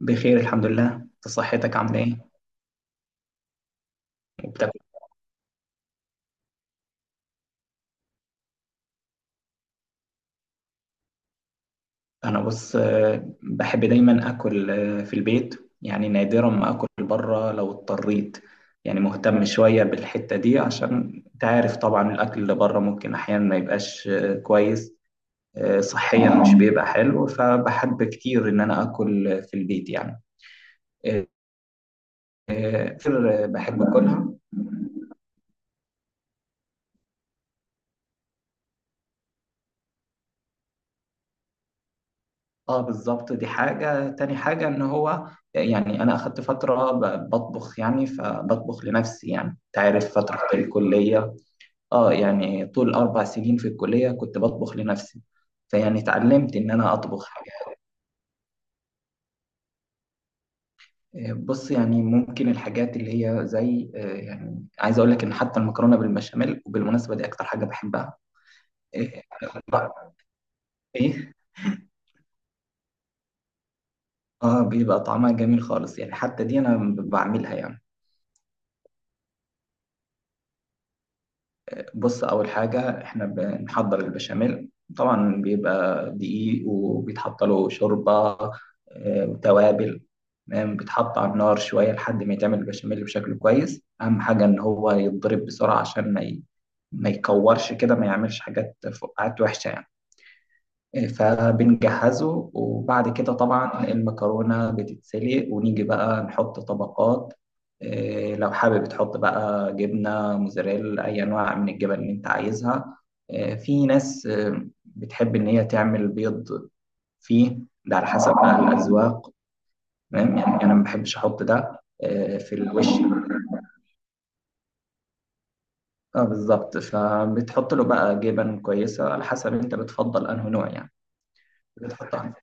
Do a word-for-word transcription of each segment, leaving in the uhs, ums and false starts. بخير الحمد لله، انت صحتك عامله ايه؟ وبتاكل. انا بص آه، بحب دايما اكل آه، في البيت، يعني نادرا ما اكل بره لو اضطريت. يعني مهتم شويه بالحته دي، عشان انت عارف طبعا الاكل اللي بره ممكن احيانا ما يبقاش آه، كويس. آه، صحيا مش بيبقى حلو، فبحب كتير ان انا اكل في البيت يعني. آه، آه، كتير بحب اكلها. اه بالظبط، دي حاجة. تاني حاجة ان هو يعني انا اخدت فترة ب- بطبخ يعني، فبطبخ لنفسي يعني، تعرف فترة الكلية. اه يعني طول اربع سنين في الكلية كنت بطبخ لنفسي. فيعني اتعلمت ان انا اطبخ حاجات. آه، بص يعني ممكن الحاجات اللي هي زي آه، يعني عايز اقول لك ان حتى المكرونة بالبشاميل، وبالمناسبة دي اكتر حاجة بحبها. آه، بقى- ايه. اه بيبقى طعمها جميل خالص يعني، حتى دي انا بعملها يعني. بص اول حاجه احنا بنحضر البشاميل، طبعا بيبقى دقيق وبيتحط له شوربه آه، وتوابل. تمام. بيتحط على النار شويه لحد ما يتعمل البشاميل بشكل كويس، اهم حاجه ان هو يتضرب بسرعه عشان ما ي- ما يكورش كده، ما يعملش حاجات فقاعات وحشه يعني. فبنجهزه وبعد كده طبعا المكرونة بتتسلق، ونيجي بقى نحط طبقات. إيه، لو حابب تحط بقى جبنة موزاريلا، أي أنواع من الجبن اللي أنت عايزها. إيه، في ناس إيه، بتحب إن هي تعمل بيض فيه. ده على حسب بقى الأذواق. تمام. يعني أنا ما بحبش أحط ده إيه، في الوش. اه بالظبط، فبتحط له بقى جبن كويسة على حسب أنت بتفضل أنه نوع يعني. بتحطها.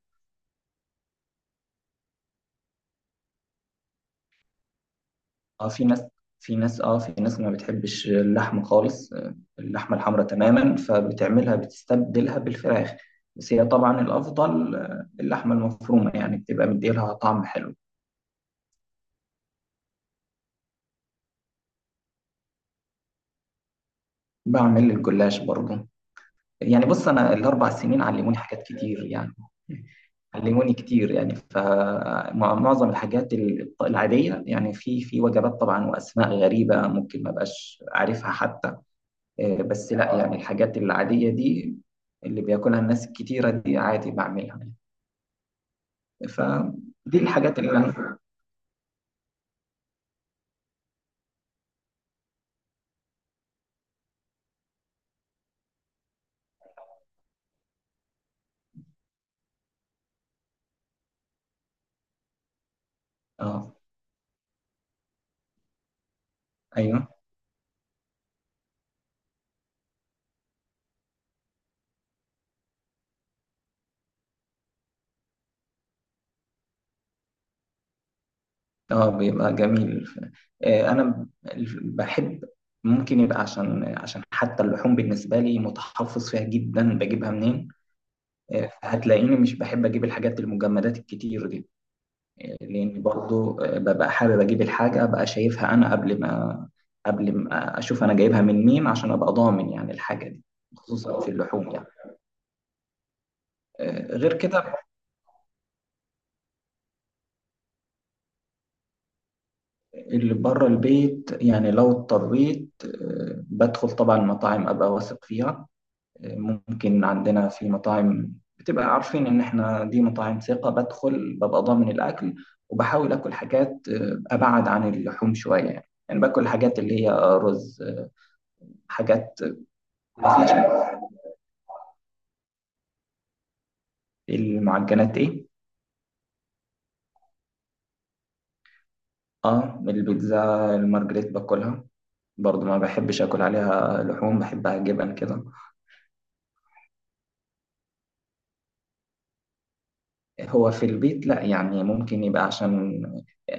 اه في ناس، في ناس اه في ناس ما بتحبش اللحمة خالص آه، اللحمة الحمراء تماما، فبتعملها بتستبدلها بالفراخ. بس هي طبعا الأفضل آه، اللحمة المفرومة يعني، بتبقى مديلها طعم حلو. بعمل الجلاش برضه. يعني بص أنا الأربع سنين علموني حاجات كتير يعني. علموني كتير يعني، فمعظم الحاجات ال- العادية يعني، في في وجبات طبعا، وأسماء غريبة ممكن ما بقاش عارفها حتى. آه، بس لا يعني الحاجات العادية دي، اللي بياكلها الناس الكتيرة دي عادي بعملها. فدي الحاجات اللي أنا. آه. أيوه. آه بيبقى جميل ف- آه، أنا ب- بحب. ممكن يبقى عشان عشان حتى اللحوم بالنسبة لي متحفظ فيها جدا، بجيبها منين. آه، هتلاقيني مش بحب أجيب الحاجات المجمدات الكتير دي، لأن برضو آه، ببقى حابب أجيب الحاجة أبقى شايفها أنا قبل ما. قبل ما أشوف أنا جايبها من مين عشان أبقى ضامن يعني الحاجة دي. خصوصا في اللحوم يعني. آه، غير كده. اللي بره البيت يعني لو اضطريت آه، بدخل طبعا المطاعم أبقى واثق فيها. آه، ممكن عندنا في مطاعم بتبقى عارفين إن إحنا دي مطاعم ثقة، بدخل ببقى ضامن الأكل. وبحاول آكل حاجات آه، أبعد عن اللحوم شوية يعني، يعني باكل حاجات اللي هي رز آه، حاجات. مفيش. المعجنات ايه. اه البيتزا المارجريت باكلها، برضو ما بحبش اكل عليها لحوم، بحبها جبن كده. هو في البيت لا يعني ممكن يبقى عشان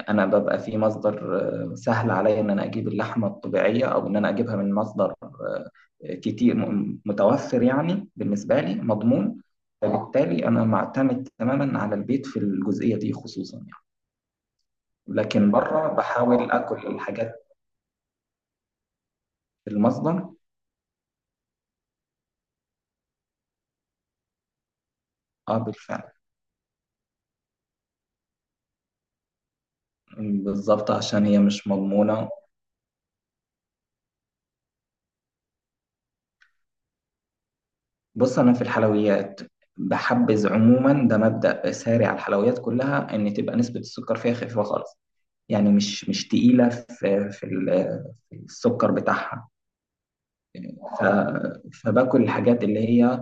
انا ببقى في مصدر آه، سهل عليا ان انا اجيب اللحمه الطبيعيه، او ان انا اجيبها من مصدر آه، كتير م- متوفر يعني، بالنسبه لي مضمون. فبالتالي انا معتمد تماما على البيت في الجزئيه دي خصوصا يعني. لكن بره بحاول اكل الحاجات في المصدر. اه بالفعل. بالظبط عشان هي مش مضمونة. بص أنا في الحلويات بحبذ عموما، ده مبدأ ساري على الحلويات كلها، إن تبقى نسبة السكر فيها خفيفة خالص. يعني مش مش تقيلة في في ال- في السكر بتاعها. ف فباكل الحاجات اللي هي.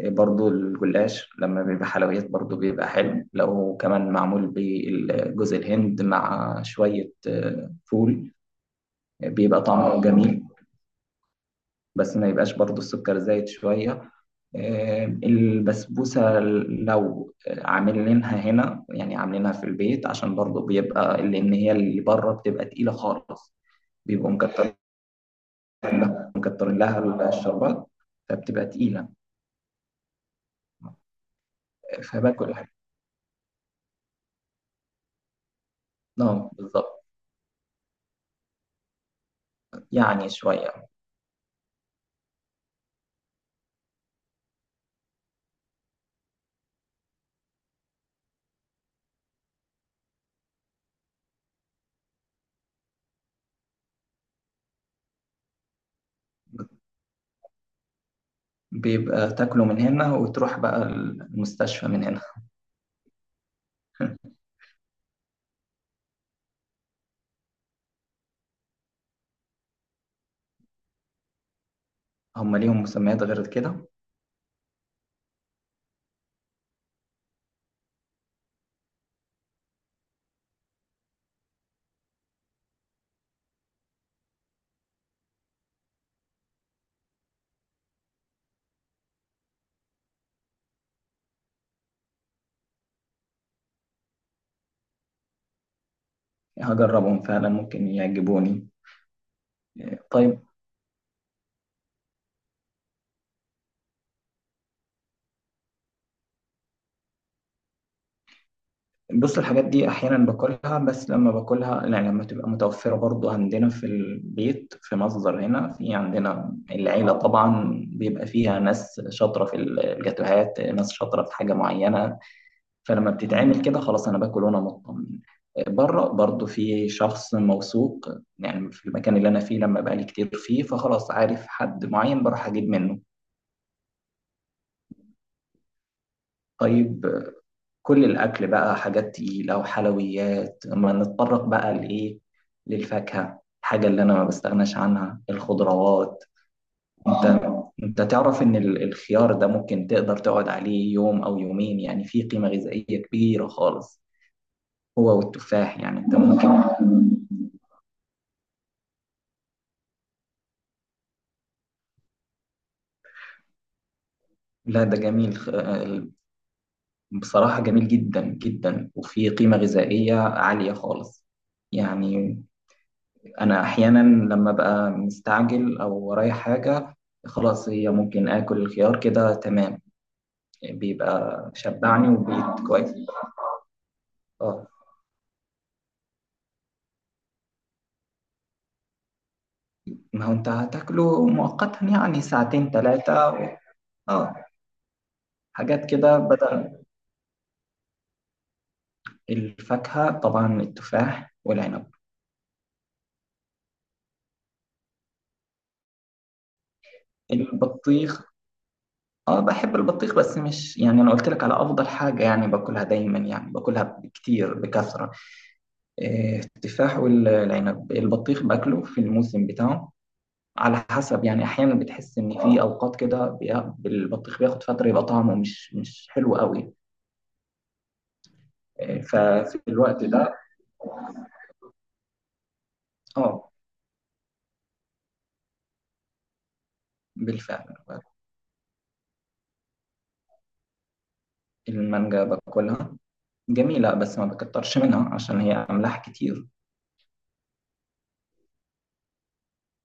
برضو الجلاش لما بيبقى حلويات، برضو بيبقى حلو لو كمان معمول بالجوز الهند مع شوية آه، فول. بيبقى طعمه جميل، بس ما يبقاش برضو السكر زايد شوية. آه، البسبوسة لو عاملينها هنا يعني، عاملينها في البيت عشان برضو بيبقى. لأن هي اللي بره بتبقى تقيلة خالص، بيبقوا مكترين لها، مكترين لها الشربات، فبتبقى تقيلة. فباكل أحب. اه بالظبط، يعني شوية. بيبقى تاكله من هنا وتروح بقى المستشفى من هنا. هم ليهم مسميات غير كده. هجربهم فعلا، ممكن يعجبوني. طيب. بص الحاجات دي احيانا باكلها، بس لما باكلها يعني لما تبقى متوفره برضو عندنا في البيت في مصدر. هنا في عندنا العيله طبعا بيبقى فيها ناس شاطره في الجاتوهات، ناس شاطره في حاجه معينه. فلما بتتعمل كده خلاص انا باكل وانا مطمن. بره برضو في شخص موثوق يعني في المكان اللي انا فيه، لما بقالي كتير فيه فخلاص عارف حد معين بروح اجيب منه. طيب. كل الأكل بقى حاجات تقيلة وحلويات، ما نتطرق بقى لإيه؟ للفاكهة، الحاجة اللي أنا ما بستغناش عنها الخضروات. أنت أنت تعرف إن ال- الخيار ده ممكن تقدر تقعد عليه يوم أو يومين، يعني فيه قيمة غذائية كبيرة خالص. هو والتفاح، يعني أنت ممكن. لا ده جميل خ- آه، بصراحة جميل جدا جدا، وفيه قيمة غذائية عالية خالص يعني. انا احيانا لما ببقى مستعجل او ورايا حاجه خلاص، هي ممكن اكل الخيار كده تمام، بيبقى شبعني وبيت كويس. اه ما هو انت هتاكله مؤقتا، يعني ساعتين ثلاثه. اه حاجات كده بدل. الفاكهه طبعا التفاح والعنب البطيخ. اه بحب البطيخ بس مش يعني، انا قلت لك على افضل حاجه يعني باكلها دايما، يعني باكلها بكتير بكثره. إيه، التفاح والعنب. البطيخ باكله في الموسم بتاعه، على حسب يعني. احيانا بتحس ان في اوقات كده بي- البطيخ بياخد فتره يبقى طعمه مش مش حلو قوي. آه، ففي الوقت ده. اه بالفعل. المانجا باكلها جميله، بس ما بكترش منها عشان هي املاح كتير.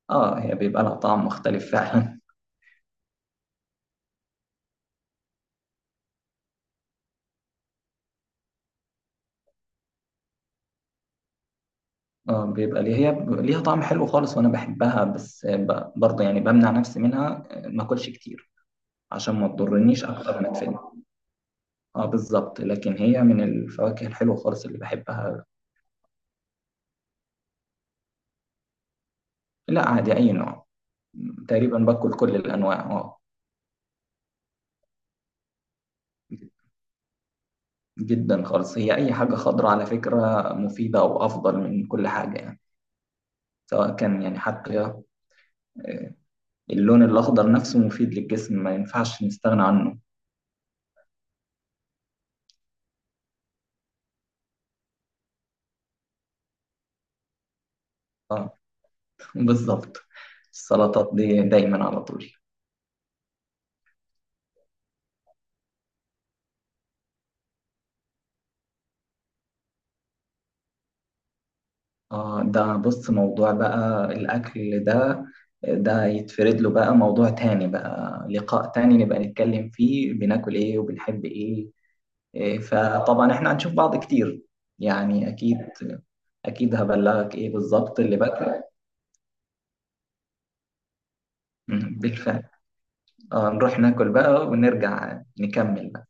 اه هي بيبقى لها طعم مختلف فعلا. اه بيبقى ليه، هي ب- ليها طعم حلو خالص وانا بحبها، بس ب- برضه يعني بمنع نفسي منها آه، ما اكلش كتير عشان ما تضرنيش اكتر ما تفيدني. اه بالظبط، لكن هي من الفواكه الحلوه خالص اللي بحبها. لا عادي أي نوع. تقريبا باكل كل الأنواع اه. جدا خالص، هي أي حاجة خضراء على فكرة مفيدة، وأفضل من كل حاجة يعني. سواء كان يعني، حتى آه، اللون الأخضر نفسه مفيد للجسم، ما ينفعش نستغنى عنه. اه بالظبط. السلطات دي دايما على طول. اه ده بص موضوع بقى الأكل ده، ده يتفرد له بقى موضوع تاني، بقى لقاء تاني نبقى نتكلم فيه بناكل ايه وبنحب ايه. إيه، فطبعا احنا هنشوف بعض كتير يعني، اكيد. اكيد هبلغك ايه بالظبط اللي بقى. مم، بالفعل. اه نروح ناكل بقى ونرجع نكمل.